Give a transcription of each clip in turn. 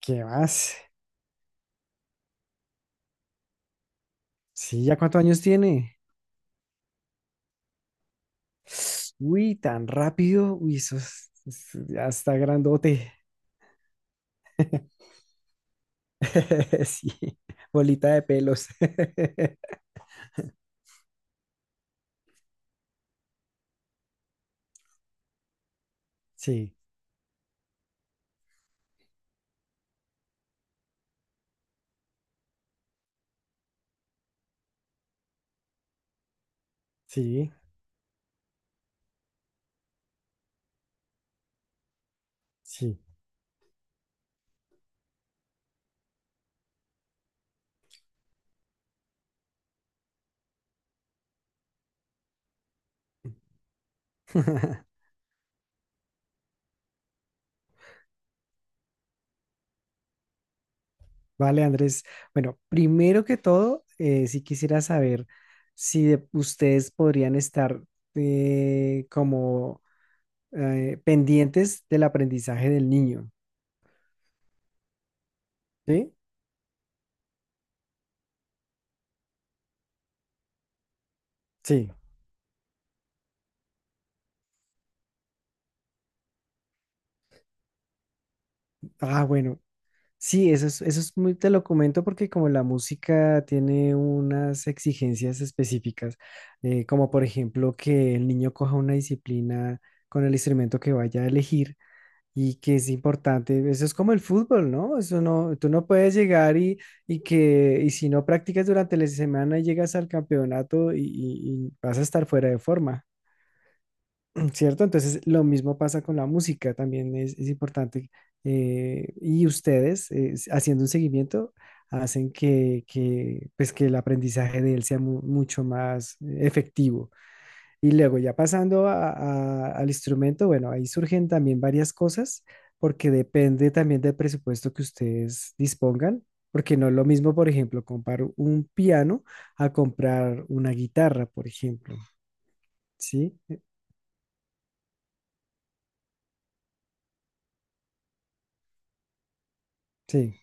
¿Qué más? Sí, ¿ya cuántos años tiene? Uy, tan rápido. Uy, ya está grandote. Sí, bolita de pelos. Sí, sí, sí. Vale, Andrés. Bueno, primero que todo, sí quisiera saber si ustedes podrían estar como pendientes del aprendizaje del niño. ¿Sí? Sí. Ah, bueno. Sí, eso es muy, te lo comento porque como la música tiene unas exigencias específicas, como por ejemplo que el niño coja una disciplina con el instrumento que vaya a elegir y que es importante, eso es como el fútbol, ¿no? Eso no, tú no puedes llegar y, y si no practicas durante la semana y llegas al campeonato y, y vas a estar fuera de forma. ¿Cierto? Entonces, lo mismo pasa con la música, también es importante. Y ustedes, haciendo un seguimiento, hacen que, pues, que el aprendizaje de él sea mucho más efectivo. Y luego, ya pasando al instrumento, bueno, ahí surgen también varias cosas, porque depende también del presupuesto que ustedes dispongan. Porque no es lo mismo, por ejemplo, comprar un piano a comprar una guitarra, por ejemplo. ¿Sí? Sí.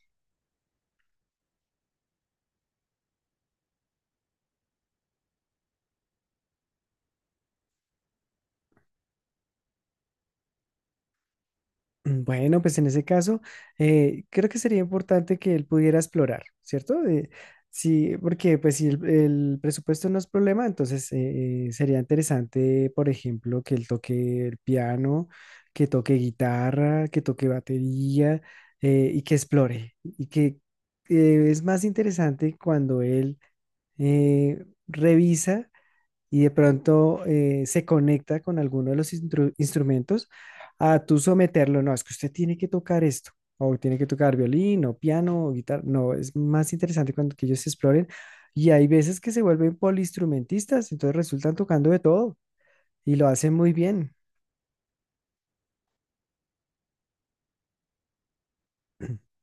Mm, bueno, pues en ese caso, creo que sería importante que él pudiera explorar, ¿cierto? Sí, porque pues si el presupuesto no es problema, entonces sería interesante, por ejemplo, que él toque el piano, que toque guitarra, que toque batería y que explore. Y que es más interesante cuando él revisa y de pronto se conecta con alguno de los instrumentos a tú someterlo. No, es que usted tiene que tocar esto, o tiene que tocar violín, o piano, o guitarra. No, es más interesante cuando que ellos exploren. Y hay veces que se vuelven poliinstrumentistas, entonces resultan tocando de todo y lo hacen muy bien.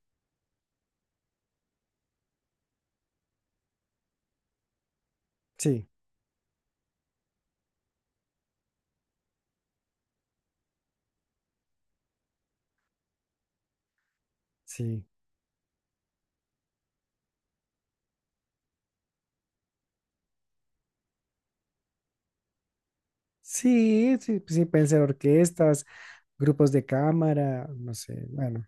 Sí, sí. Sí, sí, sí, pueden ser orquestas, grupos de cámara, no sé, bueno,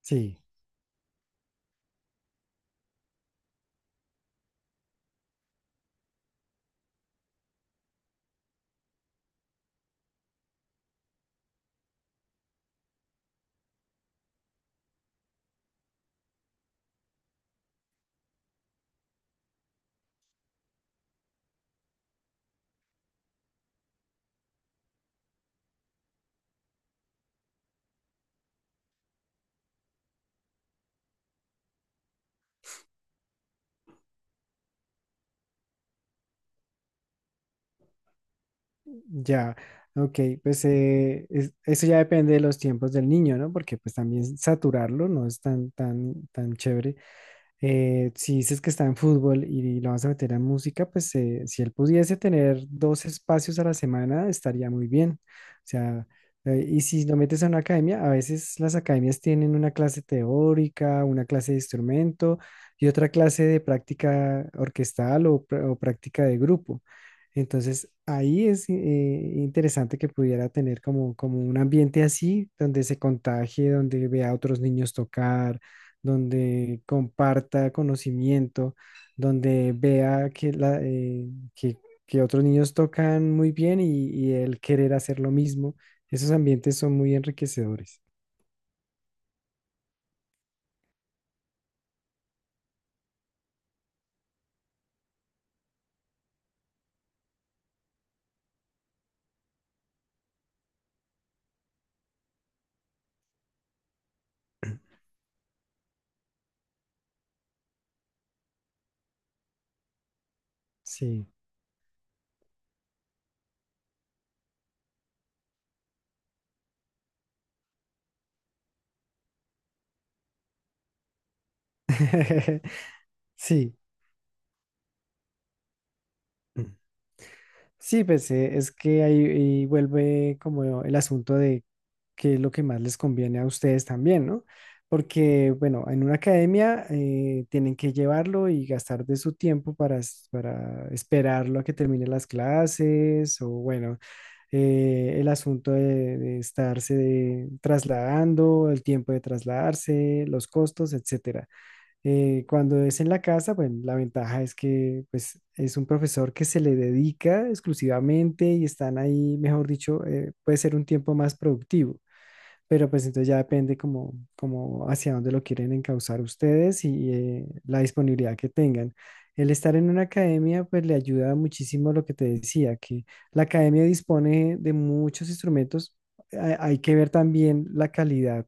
sí. Ya, ok, pues eso ya depende de los tiempos del niño, ¿no? Porque pues también saturarlo no es tan, tan, tan chévere. Si dices que está en fútbol y lo vas a meter en música, pues si él pudiese tener dos espacios a la semana, estaría muy bien. O sea, y si lo metes a una academia, a veces las academias tienen una clase teórica, una clase de instrumento y otra clase de práctica orquestal o práctica de grupo. Entonces, ahí es interesante que pudiera tener como, como un ambiente así, donde se contagie, donde vea a otros niños tocar, donde comparta conocimiento, donde vea que, que otros niños tocan muy bien y él querer hacer lo mismo. Esos ambientes son muy enriquecedores. Sí. Sí. Sí, pues es que ahí, ahí vuelve como el asunto de qué es lo que más les conviene a ustedes también, ¿no? Porque, bueno, en una academia tienen que llevarlo y gastar de su tiempo para, para esperarlo a que termine las clases o, bueno, el asunto de estarse trasladando, el tiempo de trasladarse, los costos, etcétera. Cuando es en la casa, bueno, la ventaja es que pues, es un profesor que se le dedica exclusivamente y están ahí, mejor dicho, puede ser un tiempo más productivo, pero pues entonces ya depende como, como hacia dónde lo quieren encauzar ustedes y la disponibilidad que tengan. El estar en una academia pues le ayuda muchísimo lo que te decía, que la academia dispone de muchos instrumentos. Hay que ver también la calidad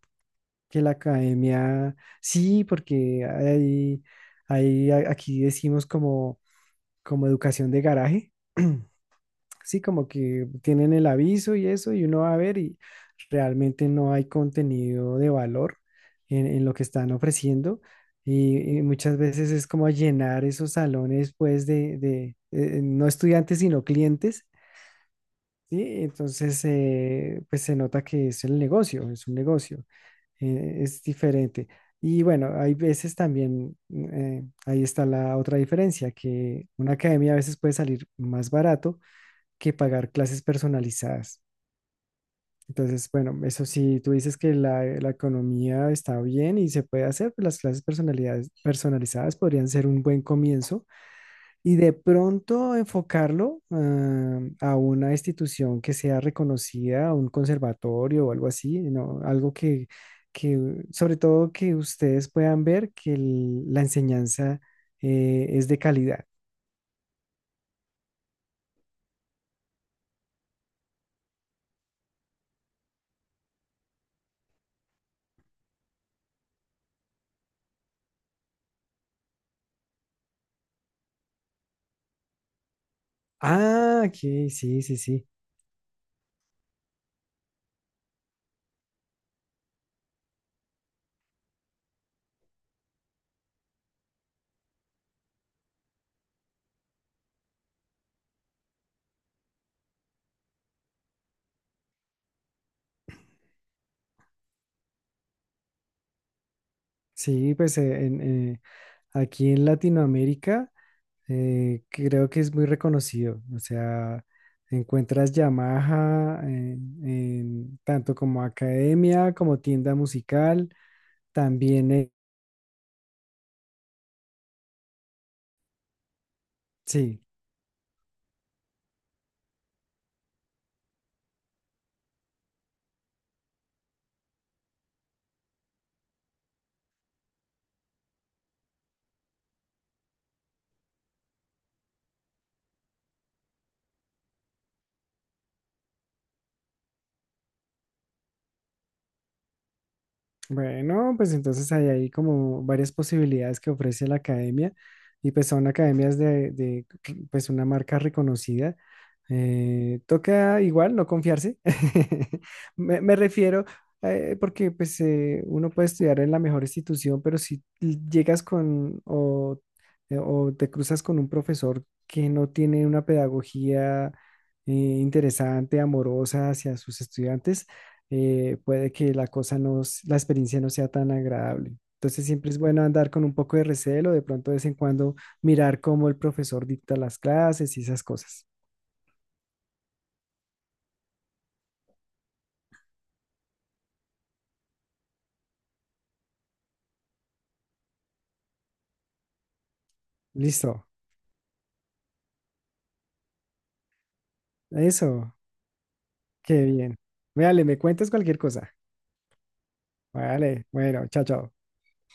que la academia, sí, porque hay, aquí decimos como, como educación de garaje, sí, como que tienen el aviso y eso, y uno va a ver y realmente no hay contenido de valor en lo que están ofreciendo. Y muchas veces es como llenar esos salones, pues, no estudiantes, sino clientes, ¿sí? Entonces, pues se nota que es el negocio, es un negocio es diferente. Y bueno, hay veces también, ahí está la otra diferencia, que una academia a veces puede salir más barato que pagar clases personalizadas. Entonces, bueno, eso sí, tú dices que la economía está bien y se puede hacer, pues las clases personalizadas podrían ser un buen comienzo y de pronto enfocarlo a una institución que sea reconocida, a un conservatorio o algo así, ¿no? Algo que, sobre todo que ustedes puedan ver que la enseñanza es de calidad. Ah, aquí, sí, sí, sí. Sí, pues eh, aquí en Latinoamérica que creo que es muy reconocido. O sea, encuentras Yamaha en tanto como academia, como tienda musical. También, sí. Bueno, pues entonces hay ahí como varias posibilidades que ofrece la academia y pues son academias de, pues una marca reconocida. Toca igual no confiarse. Me refiero porque pues uno puede estudiar en la mejor institución, pero si llegas con o te cruzas con un profesor que no tiene una pedagogía interesante, amorosa hacia sus estudiantes, puede que la cosa la experiencia no sea tan agradable. Entonces siempre es bueno andar con un poco de recelo, de pronto de vez en cuando mirar cómo el profesor dicta las clases y esas cosas. Listo, eso, qué bien. Vale, me cuentas cualquier cosa. Vale, bueno, chao, chao.